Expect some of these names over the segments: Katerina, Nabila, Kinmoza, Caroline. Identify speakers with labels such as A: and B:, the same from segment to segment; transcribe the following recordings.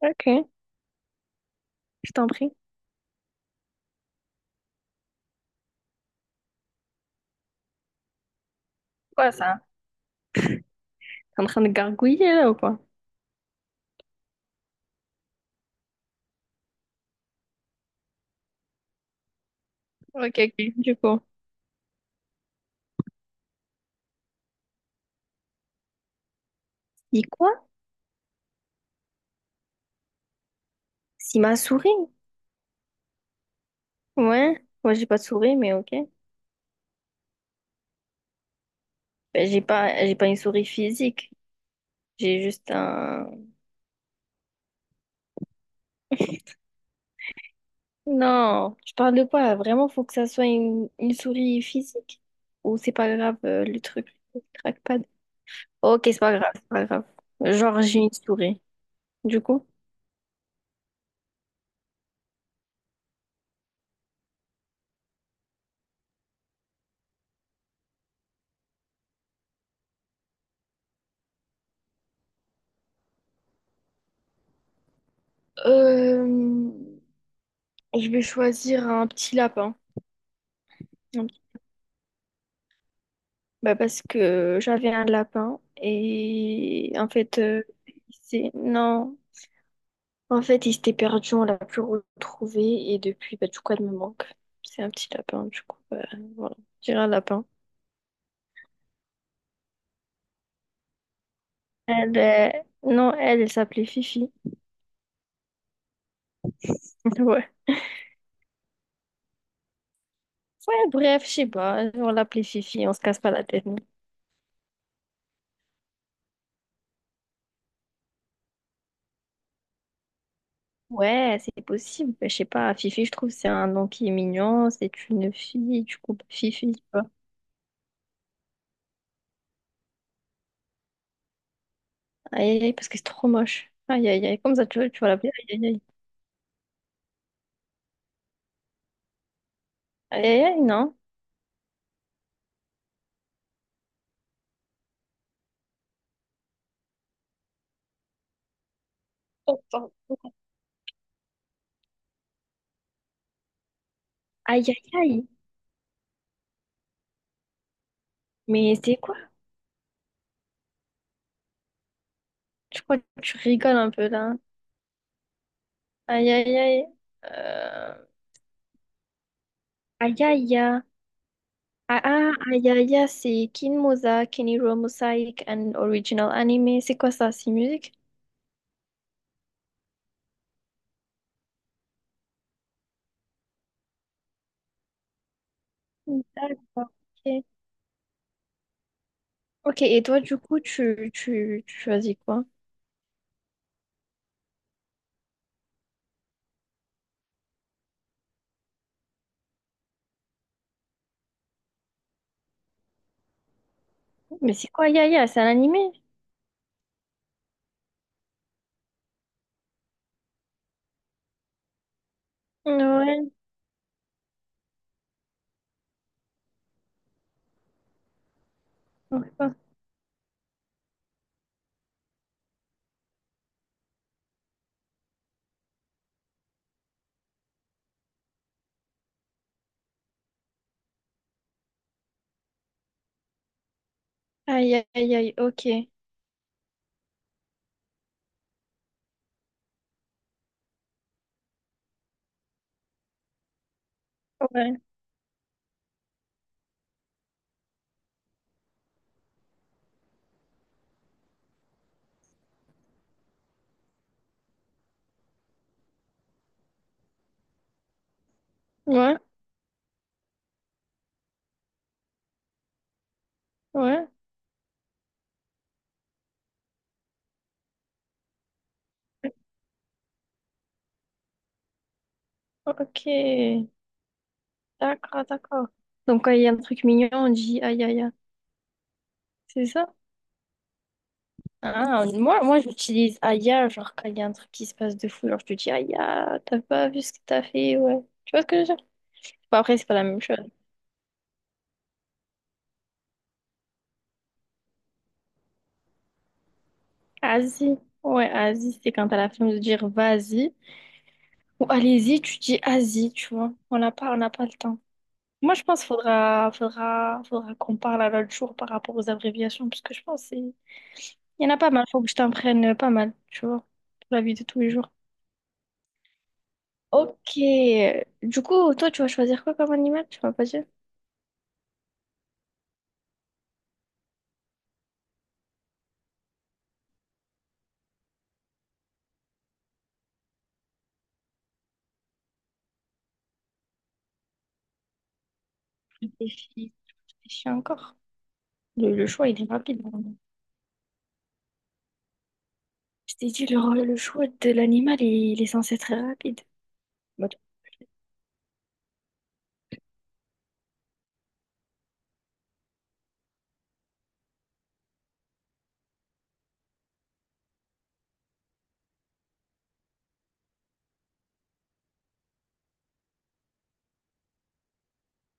A: Ok, je t'en prie. Quoi ça? T'es en train de gargouiller là ou quoi? Ok, ok, du coup. Dis quoi? Si ma souris? Ouais, moi j'ai pas de souris, mais ok. Ben, j'ai pas une souris physique. J'ai juste un. Non, tu parles de quoi là? Vraiment, faut que ça soit une souris physique? Ou c'est pas grave le truc, le trackpad? Ok, c'est pas grave, c'est pas grave. Genre, j'ai une souris. Du coup? Euh, je vais choisir un petit lapin. Bah parce que j'avais un lapin et en fait, non, en fait, il s'était perdu, on l'a plus retrouvé et depuis, bah, du coup, elle me manque. C'est un petit lapin, du coup, bah, voilà, j'ai un lapin. Elle, non, elle s'appelait Fifi. Ouais. Ouais, bref, je sais pas, on l'appelait Fifi, on se casse pas la tête. Nous. Ouais, c'est possible, bah, je sais pas, Fifi, je trouve, c'est un nom qui est mignon, c'est une fille, du coup, Fifi, tu vois. Aïe, aïe, aïe, parce que c'est trop moche. Aïe, aïe, aïe, comme ça, tu vois, tu vas l'appeler, aïe, aïe, aïe. Aïe, aïe, aïe, non. Attends. Aïe, aïe, aïe. Mais c'est quoi? Je crois que tu rigoles un peu là. Aïe, aïe, aïe. Euh... Aïe, aïe, aïe. Ah, ah, aïe, aïe, aïe, c'est Kinmoza, Keniro Mosaic, and original anime. C'est quoi ça? C'est musique? D'accord. Ok. Ok, et toi, du coup, tu choisis quoi? Mais c'est quoi, aïe, aïe, aïe? C'est un animé? Ouais. Aïe, aïe, aïe, ok. Ouais. Ouais, ouais. Ok. D'accord, d'accord. Donc, quand il y a un truc mignon, on dit aïe aïe aïe. C'est ça? Ah, moi, moi j'utilise aïe aïe, genre quand il y a un truc qui se passe de fou, genre je te dis aïe aïe, t'as pas vu ce que t'as fait, ouais. Tu vois ce que je veux dire? Bon, après, c'est pas la même chose. Asi, ouais, asi, c'est quand t'as la flemme de dire vas-y ou allez-y, tu dis asi, tu vois. On n'a pas le temps. Moi, je pense qu'il faudra qu'on parle à l'autre jour par rapport aux abréviations, parce que je pense que il y en a pas mal, faut que je t'en prenne pas mal, tu vois, pour la vie de tous les jours. Ok. Du coup, toi, tu vas choisir quoi comme animal? Tu m'as pas dit. Réfléchis, réfléchis encore. Le choix, il est rapide. Je t'ai dit, le choix de l'animal, il est censé être très rapide. Bah, tu-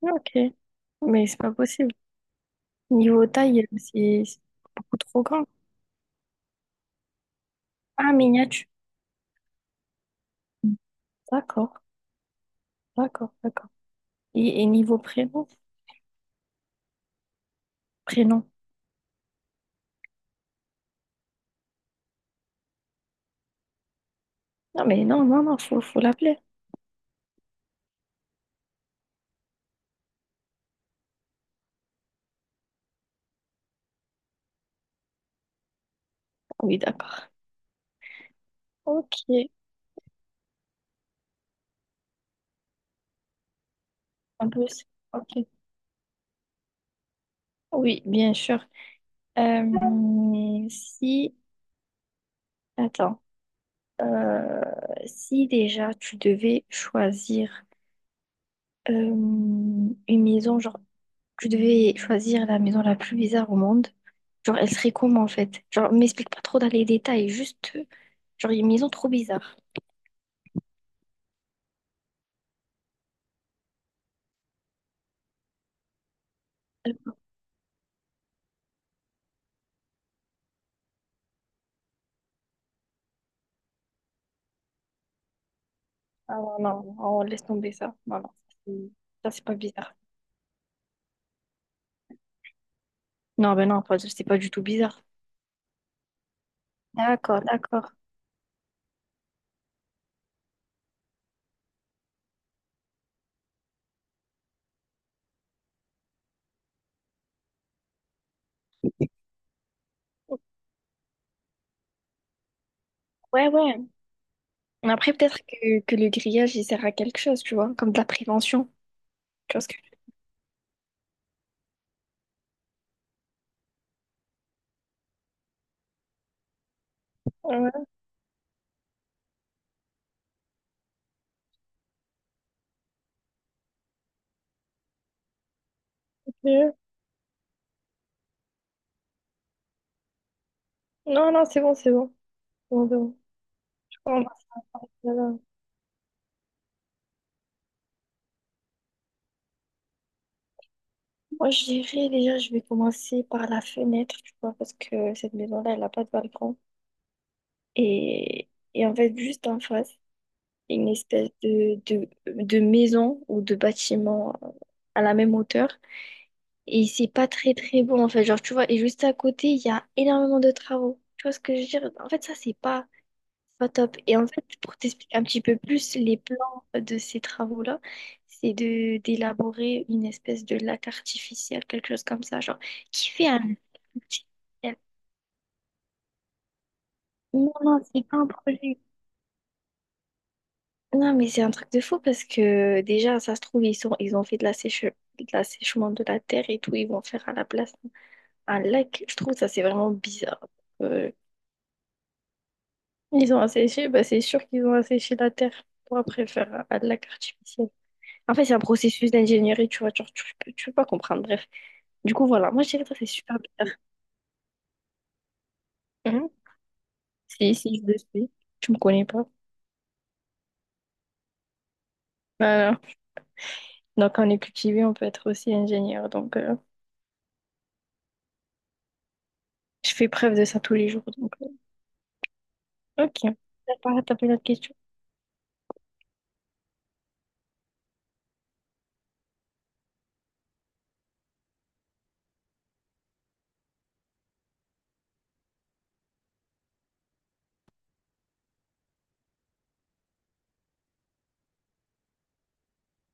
A: ok. Mais c'est pas possible. Niveau taille, c'est beaucoup trop grand. Ah, miniature. D'accord, d'accord, d'accord. Et niveau prénom? Prénom. Non, mais non, non, non, faut, faut l'appeler. Oui, d'accord. Ok, en plus. Ok. Oui, bien sûr. Si Attends, euh, si déjà tu devais choisir une maison, genre tu devais choisir la maison la plus bizarre au monde, genre elle serait comment en fait? Genre m'explique pas trop dans les détails, juste genre une maison trop bizarre. Euh, Ah non, non, on laisse tomber ça. Non, non, c'est- ça c'est pas bizarre. Non, ben non, c'est pas du tout bizarre. D'accord, d'accord. Ouais, ouais. Mais après, peut-être que le grillage, il sert à quelque chose, tu vois, comme de la prévention. Tu vois ce que... Ok. Non, non, c'est bon, c'est bon. C'est bon, c'est bon. Je commence. Voilà. Moi, je dirais déjà, je vais commencer par la fenêtre, tu vois, parce que cette maison-là, elle n'a pas de balcon. Et, et en fait, juste en face, il y a une espèce de, de maison ou de bâtiment à la même hauteur. Et c'est pas très, très beau, en fait. Genre, tu vois, et juste à côté, il y a énormément de travaux. Tu vois ce que je veux dire? En fait, ça, c'est pas. Pas top. Et en fait, pour t'expliquer un petit peu plus les plans de ces travaux-là, c'est de d'élaborer une espèce de lac artificiel, quelque chose comme ça, genre, qui fait un lac artificiel. Non, non, c'est pas un projet. Non, mais c'est un truc de fou parce que déjà, ça se trouve, ils ont fait de la de l'assèchement de la terre et tout, ils vont faire à la place un lac. Je trouve ça, c'est vraiment bizarre. Euh, ils ont asséché, bah, c'est sûr qu'ils ont asséché la terre pour après faire un lac artificiel. En fait, c'est un processus d'ingénierie, tu vois, genre, tu peux pas comprendre. Bref. Du coup, voilà. Moi, je dirais que ça, c'est super bizarre. Mhm. Si, si, je le suis. Tu me connais pas. Voilà. Donc, on est cultivé, on peut être aussi ingénieur. Donc, je fais preuve de ça tous les jours. Donc, ok. T'as pas une autre question?